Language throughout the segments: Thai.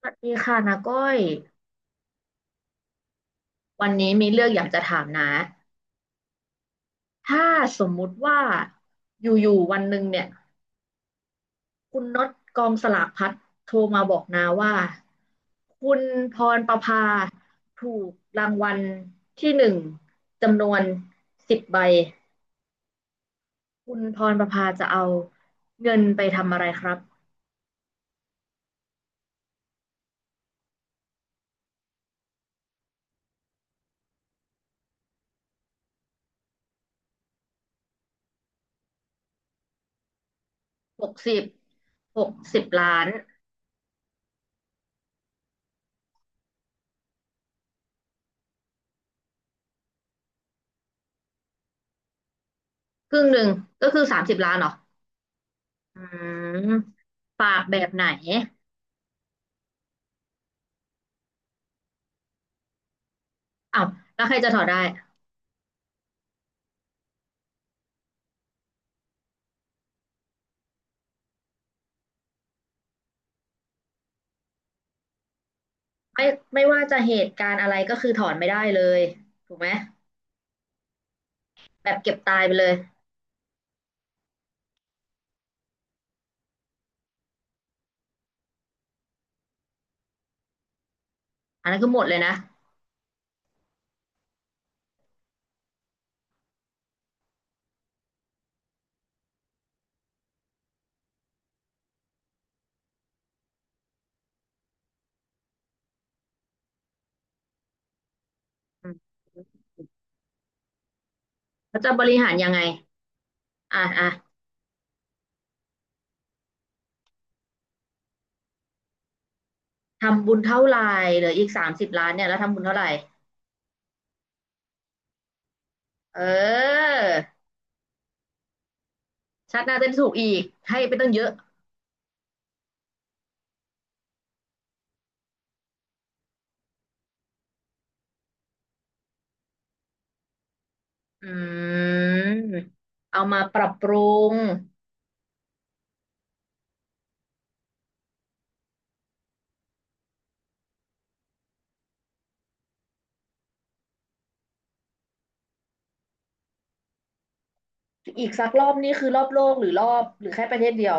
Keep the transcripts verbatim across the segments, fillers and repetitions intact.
สวัสดีค่ะนาก้อยวันนี้มีเรื่องอยากจะถามนะถ้าสมมุติว่าอยู่ๆวันหนึ่งเนี่ยคุณน็อตกองสลากพลัดโทรมาบอกนาว่าคุณพรประภาถูกรางวัลที่หนึ่งจำนวนสิบใบคุณพรประภาจะเอาเงินไปทำอะไรครับหกสิบหกสิบล้านครึ่งหนึ่งก็คือสามสิบล้านเหรออืมฝากแบบไหนอ้าวแล้วใครจะถอดได้ ไม่ไม่ว่าจะเหตุการณ์อะไรก็คือถอนไม่ได้เลยถูกไหมแบบเก็บตายไปเลยอันนั้นคือหมดเลยนะอืมแล้วจะบริหารยังไงอ่ะอ่ะทำบุญเท่าไหร่เหลืออีกสามสิบล้านเนี่ยแล้วทำบุญเท่าไหร่เออชาติหน้าจะได้ถูกอีกให้ไปตั้งเยอะอืมเอามาปรับปรุงอีกสักรอบนี่คือรอบโลกหรือรอบหรือแค่ประเทศเดียว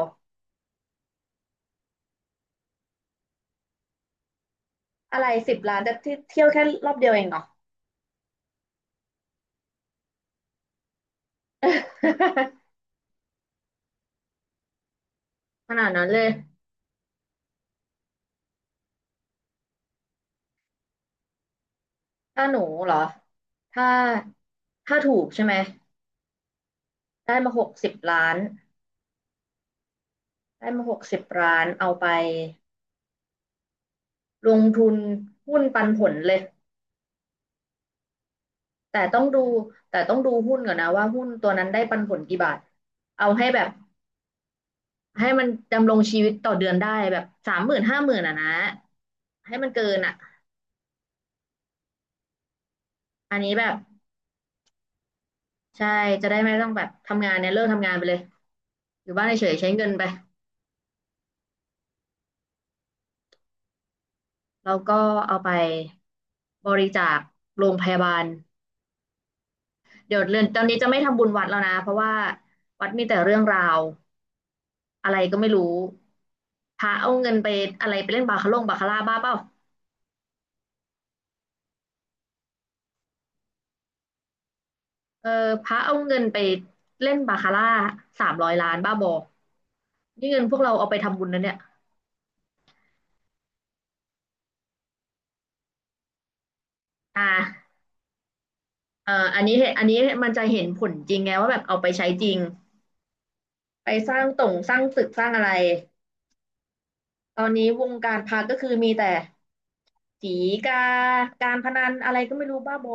อะไรสิบล้านจะที่เที่ยวแค่รอบเดียวเองเหรอ ขนาดนั้นเลย ถ้าหนูเหรอถ้าถ้าถูกใช่ไหมได้มาหกสิบล้านได้มาหกสิบล้านเอาไปลงทุนหุ้นปันผลเลยแต่ต้องดูแต่ต้องดูหุ้นก่อนนะว่าหุ้นตัวนั้นได้ปันผลกี่บาทเอาให้แบบให้มันดำรงชีวิตต่อเดือนได้แบบสามหมื่นห้าหมื่นอ่ะนะให้มันเกินอ่ะอันนี้แบบใช่จะได้ไม่ต้องแบบทำงานเนี่ยเลิกทำงานไปเลยอยู่บ้านเฉยๆใช้เงินไปแล้วก็เอาไปบริจาคโรงพยาบาล เดี๋ยวเรือนตอนนี้จะไม่ทำบุญวัดแล้วนะเพราะว่าวัดมีแต่เรื่องราวอะไรก็ไม่รู้พระเอาเงินไปอะไรไปเล่นบาคาร่งบาคาร่าบ้าเปล่าเออพระเอาเงินไปเล่นบาคาร่าสามร้อยล้านบ้าบอนี่เงินพวกเราเอาไปทำบุญนะเนี่ยอ่าเอ่ออันนี้อันนี้มันจะเห็นผลจริงไงว่าแบบเอาไปใช้จริงไปสร้างตรงสร้างตึกสร้างอะไรตอนนี้วงการพระก็คือมีแต่สีกาการพนันอะไรก็ไม่รู้บ้าบอ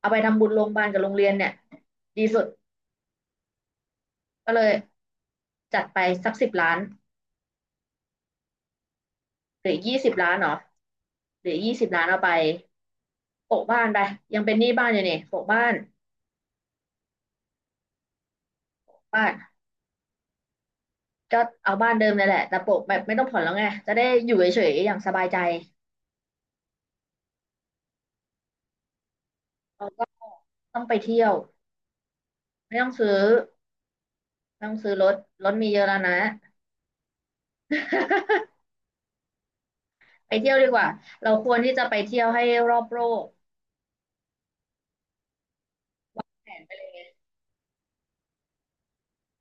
เอาไปทำบุญโรงพยาบาลกับโรงเรียนเนี่ยดีสุดก็เลยจัดไปสักสิบล้านหรือยี่สิบล้านเหรอหรือยี่สิบล้านเอาไปโปะบ้านไปยังเป็นหนี้บ้านอยู่นี่โปะบ้านโปะบ้านก็เอาบ้านเดิมนั่นแหละแต่โปะแบบไม่ต้องผ่อนแล้วไงจะได้อยู่เฉยๆอย่างสบายใจเราก็ต้องไปเที่ยวไม่ต้องซื้อไม่ต้องซื้อรถรถมีเยอะแล้วนะ ไปเที่ยวดีกว่าเราควรที่จะไปเที่ยวให้รอบโลกแผนไปเลย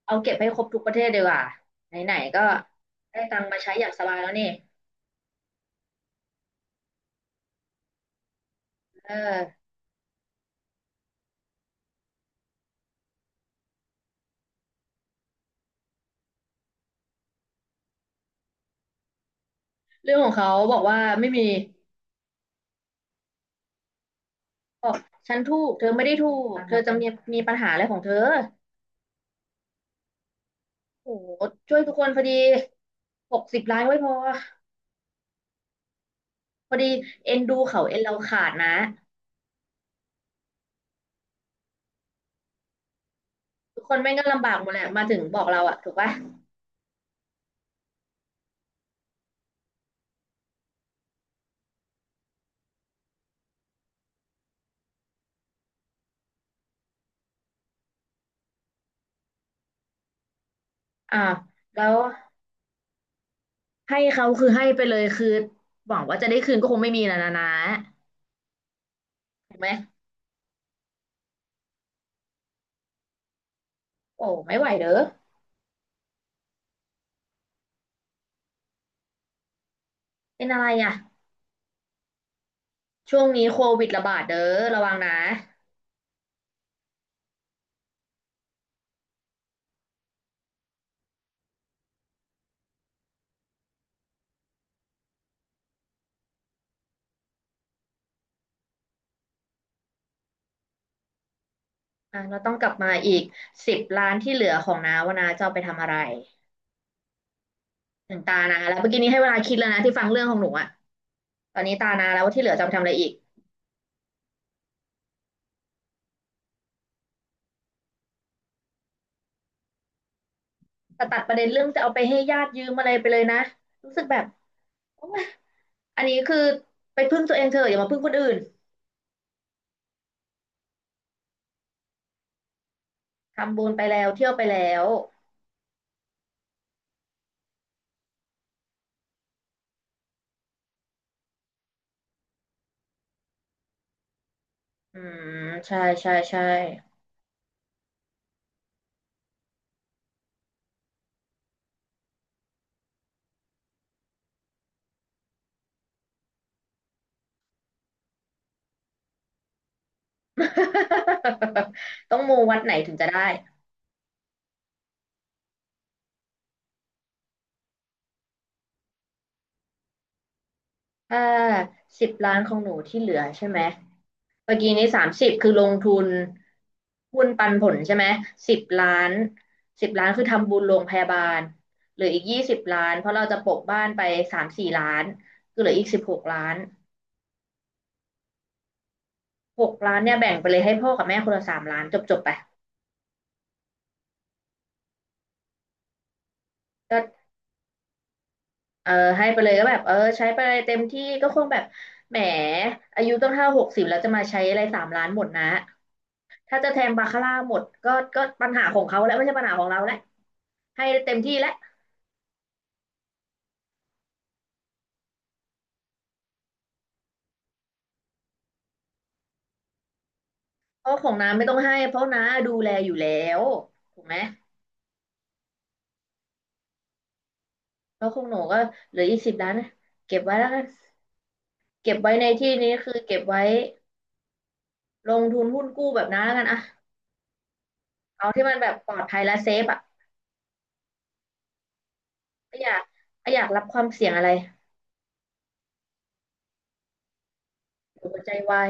เอาเก็บให้ครบทุกประเทศดีกว่าไหนๆก็ได้ตังค์มาใช้อย่างสบายแล้วนี่เออ เรื่องของเขาบอกว่าไม่มีบอกฉันถูกเธอไม่ได้ถูก เธอจะมีมีปัญหาอะไรของเธอ โอ้โห ช่วยทุกคนพอดีหกสิบล้านไว้พอ พอดีเอ็นดูเขาเอ็นเราขาดนะ ทุกคนแม่งก็ลำบากหมดแหละ มาถึงบอกเราอะถูกปะอ่าแล้วให้เขาคือให้ไปเลยคือหวังว่าจะได้คืนก็คงไม่มีแล้วนะนะถูกไหมโอ้ไม่ไหวเด้อเป็นอะไรอะ ช่วงนี้โควิดระบาดเด้อระวังนะอ่ะเราต้องกลับมาอีกสิบล้านที่เหลือของน้าว่าน้าจะเอาไปทำอะไรถึงตานาแล้วเมื่อกี้นี้ให้เวลาคิดแล้วนะที่ฟังเรื่องของหนูอ่ะตอนนี้ตานาแล้วว่าที่เหลือจะเอาไปทำอะไรอีกแต่ตัดประเด็นเรื่องจะเอาไปให้ญาติยืมอะไรไปเลยนะรู้สึกแบบโอ๊ยอันนี้คือไปพึ่งตัวเองเถอะอย่ามาพึ่งคนอื่นทำบุญไปแล้วเที่ยวไปแล้วอืมใช่ใช่ใช่ ต้องมูวัดไหนถึงจะได้ถ้าสิบล้านของหนูที่เหลือใช่ไหม เมื่อกี้นี้สามสิบคือลงทุนหุ้นปันผลใช่ไหมสิบล้านสิบล้านคือทำบุญโรงพยาบาลเหลืออีกยี่สิบล้านเพราะเราจะปะบ้านไปสามสี่ล้านคือเหลืออีกสิบหกล้านหกล้านเนี่ยแบ่งไปเลยให้พ่อกับแม่คนละสามล้านจบจบไปก็เออให้ไปเลยก็แบบเออใช้ไปเลยเต็มที่ก็คงแบบแหมอายุต้องเท่าหกสิบแล้วจะมาใช้อะไรสามล้านหมดนะถ้าจะแทงบาคาร่าหมดก็ก็ปัญหาของเขาแล้วไม่ใช่ปัญหาของเราแล้วให้เต็มที่แล้ว เพราะของน้าไม่ต้องให้เพราะน้าดูแลอยู่แล้วถูกไหมแล้วของหนูก็เหลืออีกสิบล้านนะเก็บไว้แล้วกันเก็บไว้ในที่นี้คือเก็บไว้ลงทุนหุ้นกู้แบบน้าแล้วกันอะเอาที่มันแบบปลอดภัยและเซฟอะไม่อยากไม่อยากรับความเสี่ยงอะไรเดี๋ยวหัวใจวาย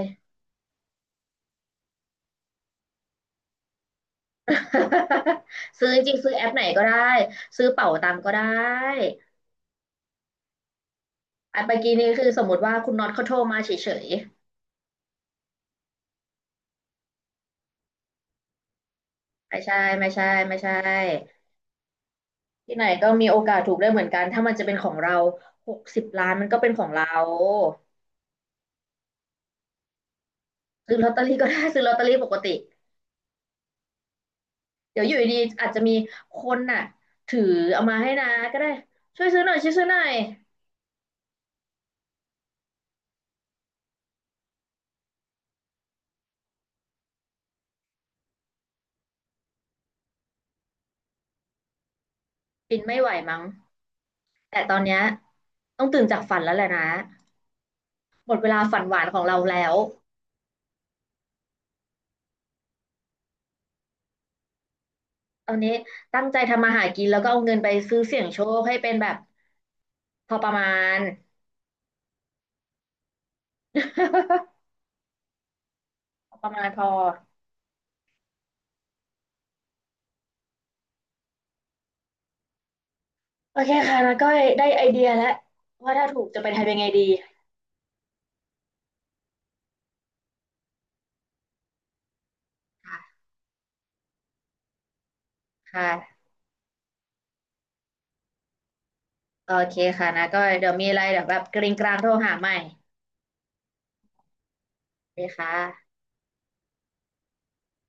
ซื้อจริงๆซื้อแอปไหนก็ได้ซื้อเป๋าตังก็ได้อ่ะเมื่อกี้นี้คือสมมติว่าคุณน็อตเขาโทรมาเฉยๆไม่ใช่ไม่ใช่ไม่ใช่ ที่ไหนก็มีโอกาสถูกได้เหมือนกันถ้ามันจะเป็นของเราหกสิบล้านมันก็เป็นของเรา ซื้อลอตเตอรี่ก็ได้ ซื้อลอตเตอรี่ปกติเดี๋ยวอยู่ดีๆอาจจะมีคนน่ะถือเอามาให้นะก็ได้ช่วยซื้อหน่อยช่วยซื้อหน่อยปินไม่ไหวมั้งแต่ตอนเนี้ยต้องตื่นจากฝันแล้วแหละนะหมดเวลาฝันหวานของเราแล้วตอนนี้ตั้งใจทำมาหากินแล้วก็เอาเงินไปซื้อเสี่ยงโชคให้เป็นแบบพอประมาณ พอประมาณพอ โอเคค่ะนะก็ได้ไอเดียแล้วว่าถ้าถูกจะไปทำยังไงดีค่ะโอเคค่ะนะก็เดี๋ยวมีอะไรเดี๋ยวแบบกริงกรางโทรหาใหม่โอเคค่ะ